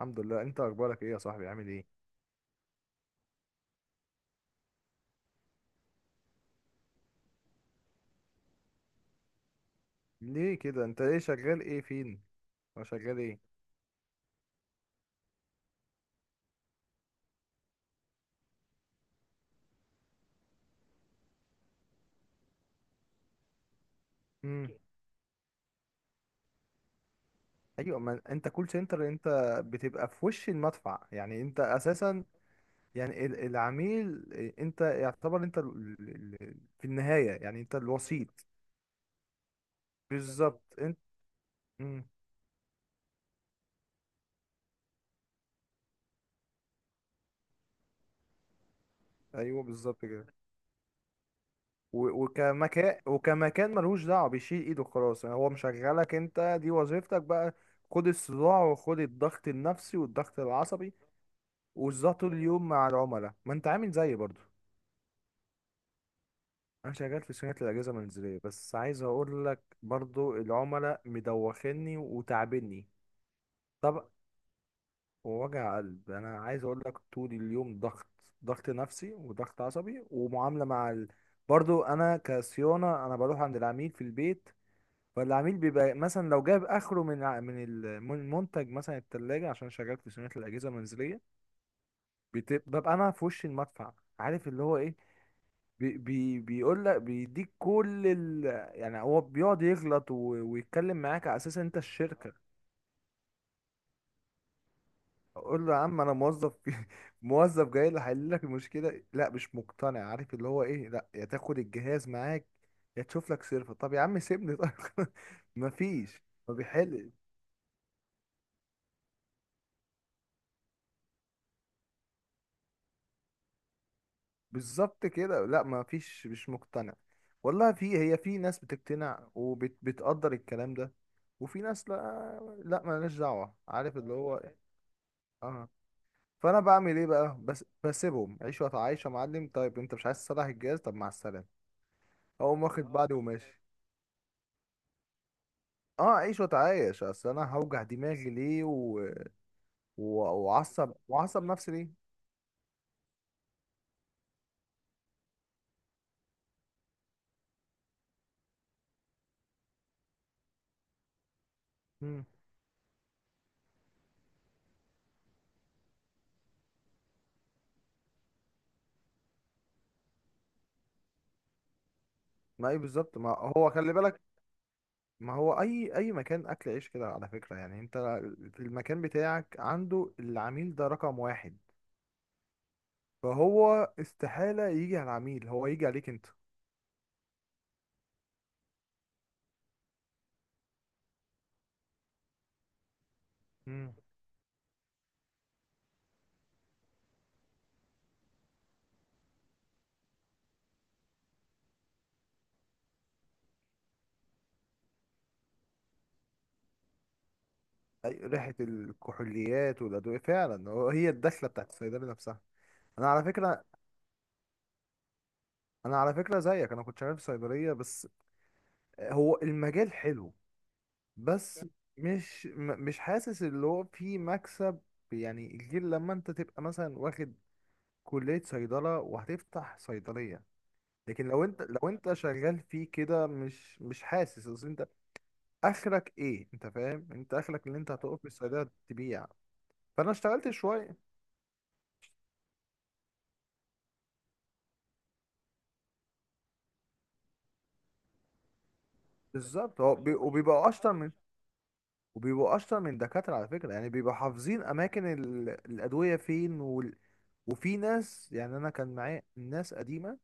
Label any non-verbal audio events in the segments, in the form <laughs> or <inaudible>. الحمد لله، انت اخبارك ايه يا صاحبي؟ عامل ايه؟ ليه كده؟ انت ايه شغال ايه فين؟ أو شغال ايه؟ امم. ايوه، ما انت كول سنتر انت. بتبقى في وش المدفع يعني، انت اساسا. يعني العميل إيه، انت يعتبر في النهاية يعني انت الوسيط. بالظبط، انت. امم. ايوه، بالظبط كده. وكمكان ملوش دعوة، بيشيل ايده خلاص، يعني هو مشغلك انت، دي وظيفتك بقى. خد الصداع، وخد الضغط النفسي والضغط العصبي. وصداع طول اليوم مع العملاء، ما انت عامل زيي برضو. انا شغال في صيانه الاجهزه المنزليه، بس عايز اقول لك برضو، العملاء مدوخني وتعبني. طب. ووجع قلب، انا عايز اقول لك طول اليوم ضغط. ضغط نفسي وضغط عصبي ومعامله مع ال. برضو انا كصيانه، انا بروح عند العميل في البيت. فالعميل بيبقى مثلا لو جاب اخره من ع- من ال- من المنتج مثلا، التلاجة، عشان شغال في صيانه الاجهزه المنزليه. ببقى انا في وش المدفع. عارف اللي هو ايه؟ بي بي بيقول لك، بيديك كل ال. يعني هو بيقعد يغلط و. ويتكلم معاك على اساس إن انت الشركه. اقول له يا عم، انا موظف <laughs> في. موظف جاي لي حل لك المشكله. لا، مش مقتنع. عارف اللي هو ايه؟ لا، يا تاخد الجهاز معاك، يا تشوف لك سيرفر. طب يا عم، سيبني طيب. <laughs> مفيش. ما بيحل. بالظبط كده. لا مفيش، مش مقتنع. والله، في ناس بتقتنع وبتقدر الكلام ده. وفي ناس، لا، لا مالناش دعوة. عارف اللي هو إيه؟ اه. فانا بعمل ايه بقى؟ بس بسيبهم عيش وتعايش. يا معلم، طيب انت مش عايز تصلح الجهاز؟ طب مع السلامه. اقوم واخد بعضي وماشي. اه، عيش وتعايش، اصل انا هوجع دماغي ليه و. وعصب نفسي ليه؟ مم. ما ايه بالظبط ما. هو خلي بالك. ما هو اي مكان اكل عيش كده، على فكره، يعني انت في المكان بتاعك عنده، العميل ده رقم واحد. فهو استحاله يجي على العميل، هو يجي عليك انت. امم. ريحه الكحوليات والادويه فعلا، هي الدخله بتاعت الصيدلي نفسها. انا على فكره. انا على فكره زيك، انا كنت شغال في صيدليه بس. هو المجال حلو. بس مش حاسس اللي هو فيه مكسب. يعني غير لما انت تبقى مثلا واخد كليه صيدله، وهتفتح صيدليه. لكن لو انت شغال فيه كده مش حاسس، اصل انت اخرك ايه؟ انت فاهم. انت اخرك اللي انت هتقف في الصيدليه تبيع. فانا اشتغلت شويه. بالظبط. هو وبيبقى اشطر من وبيبقوا اشطر من دكاترة على فكرة، يعني بيبقوا حافظين اماكن الادوية فين، وال. وفي ناس، يعني انا كان معايا ناس قديمة.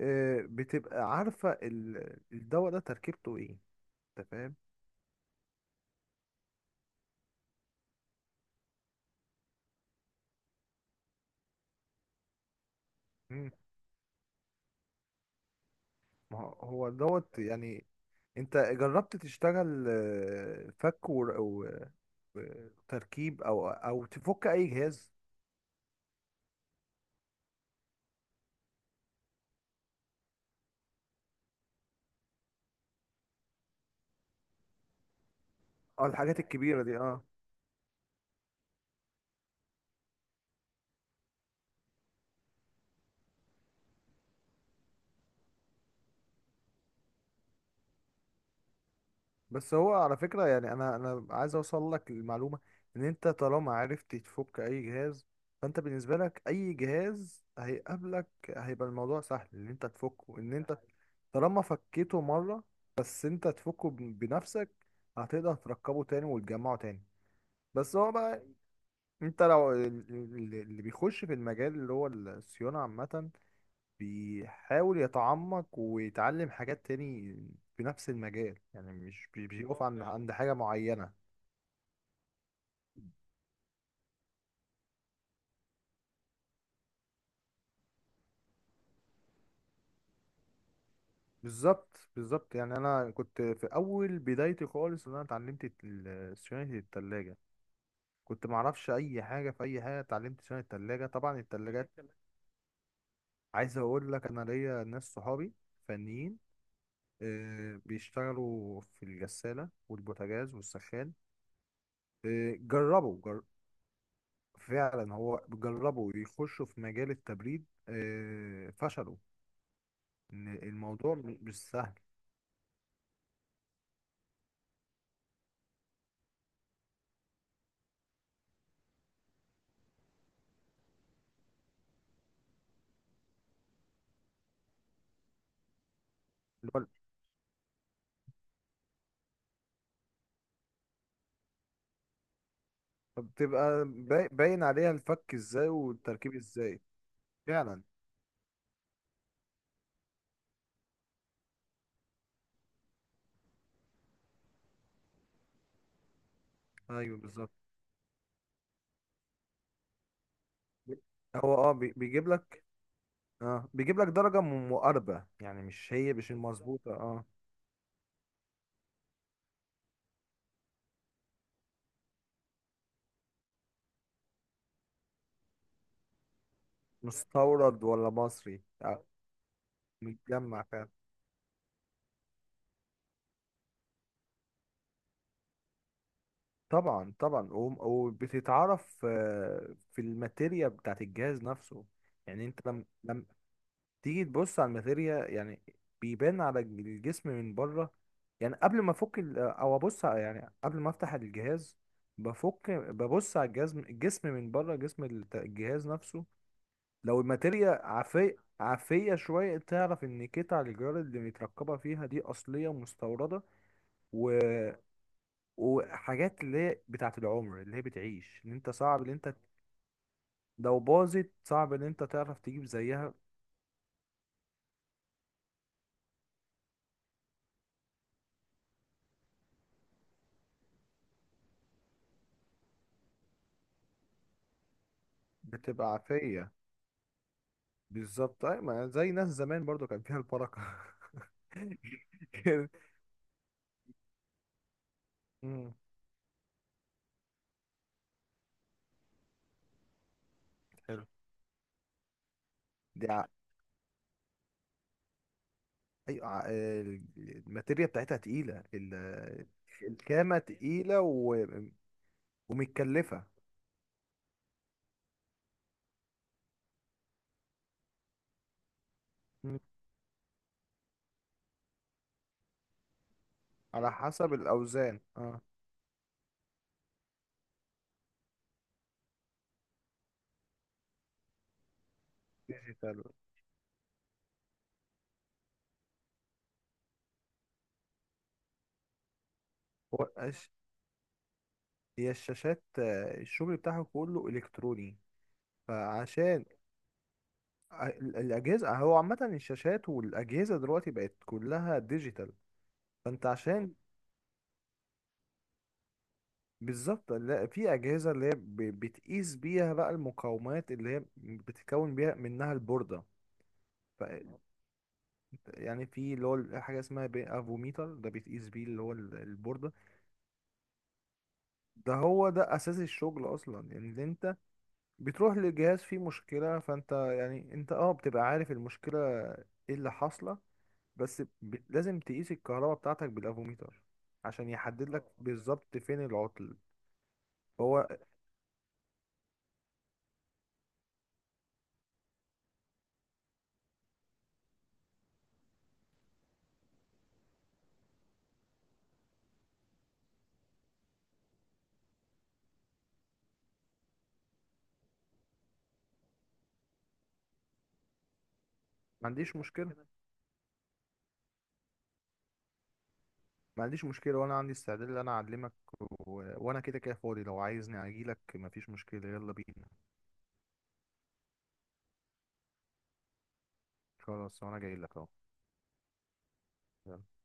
آه، بتبقى عارفة الدواء ده تركيبته ايه. انت فاهم. مم. ما هو دوت يعني. انت جربت تشتغل، آه، فك وتركيب او تفك اي جهاز؟ اه، الحاجات الكبيرة دي، اه. بس هو على فكرة، يعني انا عايز اوصل لك المعلومة، ان انت طالما عرفت تفك اي جهاز، فانت بالنسبة لك اي جهاز هيقابلك، هيبقى الموضوع سهل ان انت تفكه، ان انت طالما فكيته مرة، بس انت تفكه بنفسك، هتقدر تركبه تاني وتجمعه تاني. بس هو بقى، انت لو اللي بيخش في المجال اللي هو الصيانة عامة، بيحاول يتعمق ويتعلم حاجات تاني في نفس المجال، يعني مش بيقف عند حاجة معينة. بالظبط، بالظبط، يعني أنا كنت في أول بدايتي خالص، إن أنا اتعلمت صيانة التلاجة. كنت معرفش أي حاجة في أي حاجة، اتعلمت صيانة التلاجة طبعا، التلاجات. عايز أقول لك، أنا ليا ناس صحابي فنيين، آه، بيشتغلوا في الغسالة والبوتاجاز والسخان. آه، جربوا. فعلا، هو جربوا يخشوا في مجال التبريد، آه، فشلوا. إن الموضوع مش سهل. اللي هو بتبقى باين عليها الفك ازاي والتركيب ازاي. فعلا. ايوه بالظبط. هو بيجيب لك، اه، بيجيب لك درجة مقاربة، يعني مش المظبوطة، اه. مستورد ولا مصري، آه. متجمع فعلا. طبعا طبعا، وبتتعرف، آه، في الماتيريا بتاعت الجهاز نفسه. يعني انت لما تيجي تبص على الماتيريا يعني، بيبان على الجسم من بره، يعني قبل ما افك او يعني قبل ما افتح الجهاز، بفك، ببص على الجسم من بره، جسم الجهاز نفسه. لو الماتيريا عافية عافية شوية، تعرف ان قطع الجدار اللي متركبة فيها دي اصلية مستوردة. و... وحاجات اللي هي بتاعة العمر، اللي هي بتعيش، ان انت صعب، ان انت لو باظت، صعب ان انت تعرف تجيب زيها. بتبقى عافية. بالظبط، اي ما زي ناس زمان برضو، كان فيها البركه. <laughs> كان- مم، حلو. دي ايوه، الماتيريا بتاعتها تقيله، الكامه تقيله، ومتكلفه. مم. على حسب الاوزان، اه. ديجيتال. هو أش... هي الشاشات، آه، الشغل بتاعها كله الكتروني. فعشان الاجهزه، هو عامه الشاشات والاجهزه دلوقتي بقت كلها ديجيتال. فانت عشان بالظبط. لا، في اجهزه اللي هي بتقيس بيها بقى المقاومات، اللي هي بتتكون بيها منها البورده. ف يعني في اللي هو حاجه اسمها افوميتر، ده بتقيس بيه اللي هو البورده. ده هو ده اساس الشغل اصلا، يعني اللي انت بتروح للجهاز فيه مشكله، فانت يعني انت بتبقى عارف المشكله ايه اللي حاصله. بس لازم تقيس الكهرباء بتاعتك بالافوميتر، عشان يحدد لك بالظبط فين العطل. هو ما عنديش مشكله. ما عنديش مشكلة، وانا عندي استعداد ان انا اعلمك، وانا كده كده فاضي، لو عايزني اجيلك مفيش مشكلة، يلا بينا. خلاص، وانا جايلك اهو. يلا.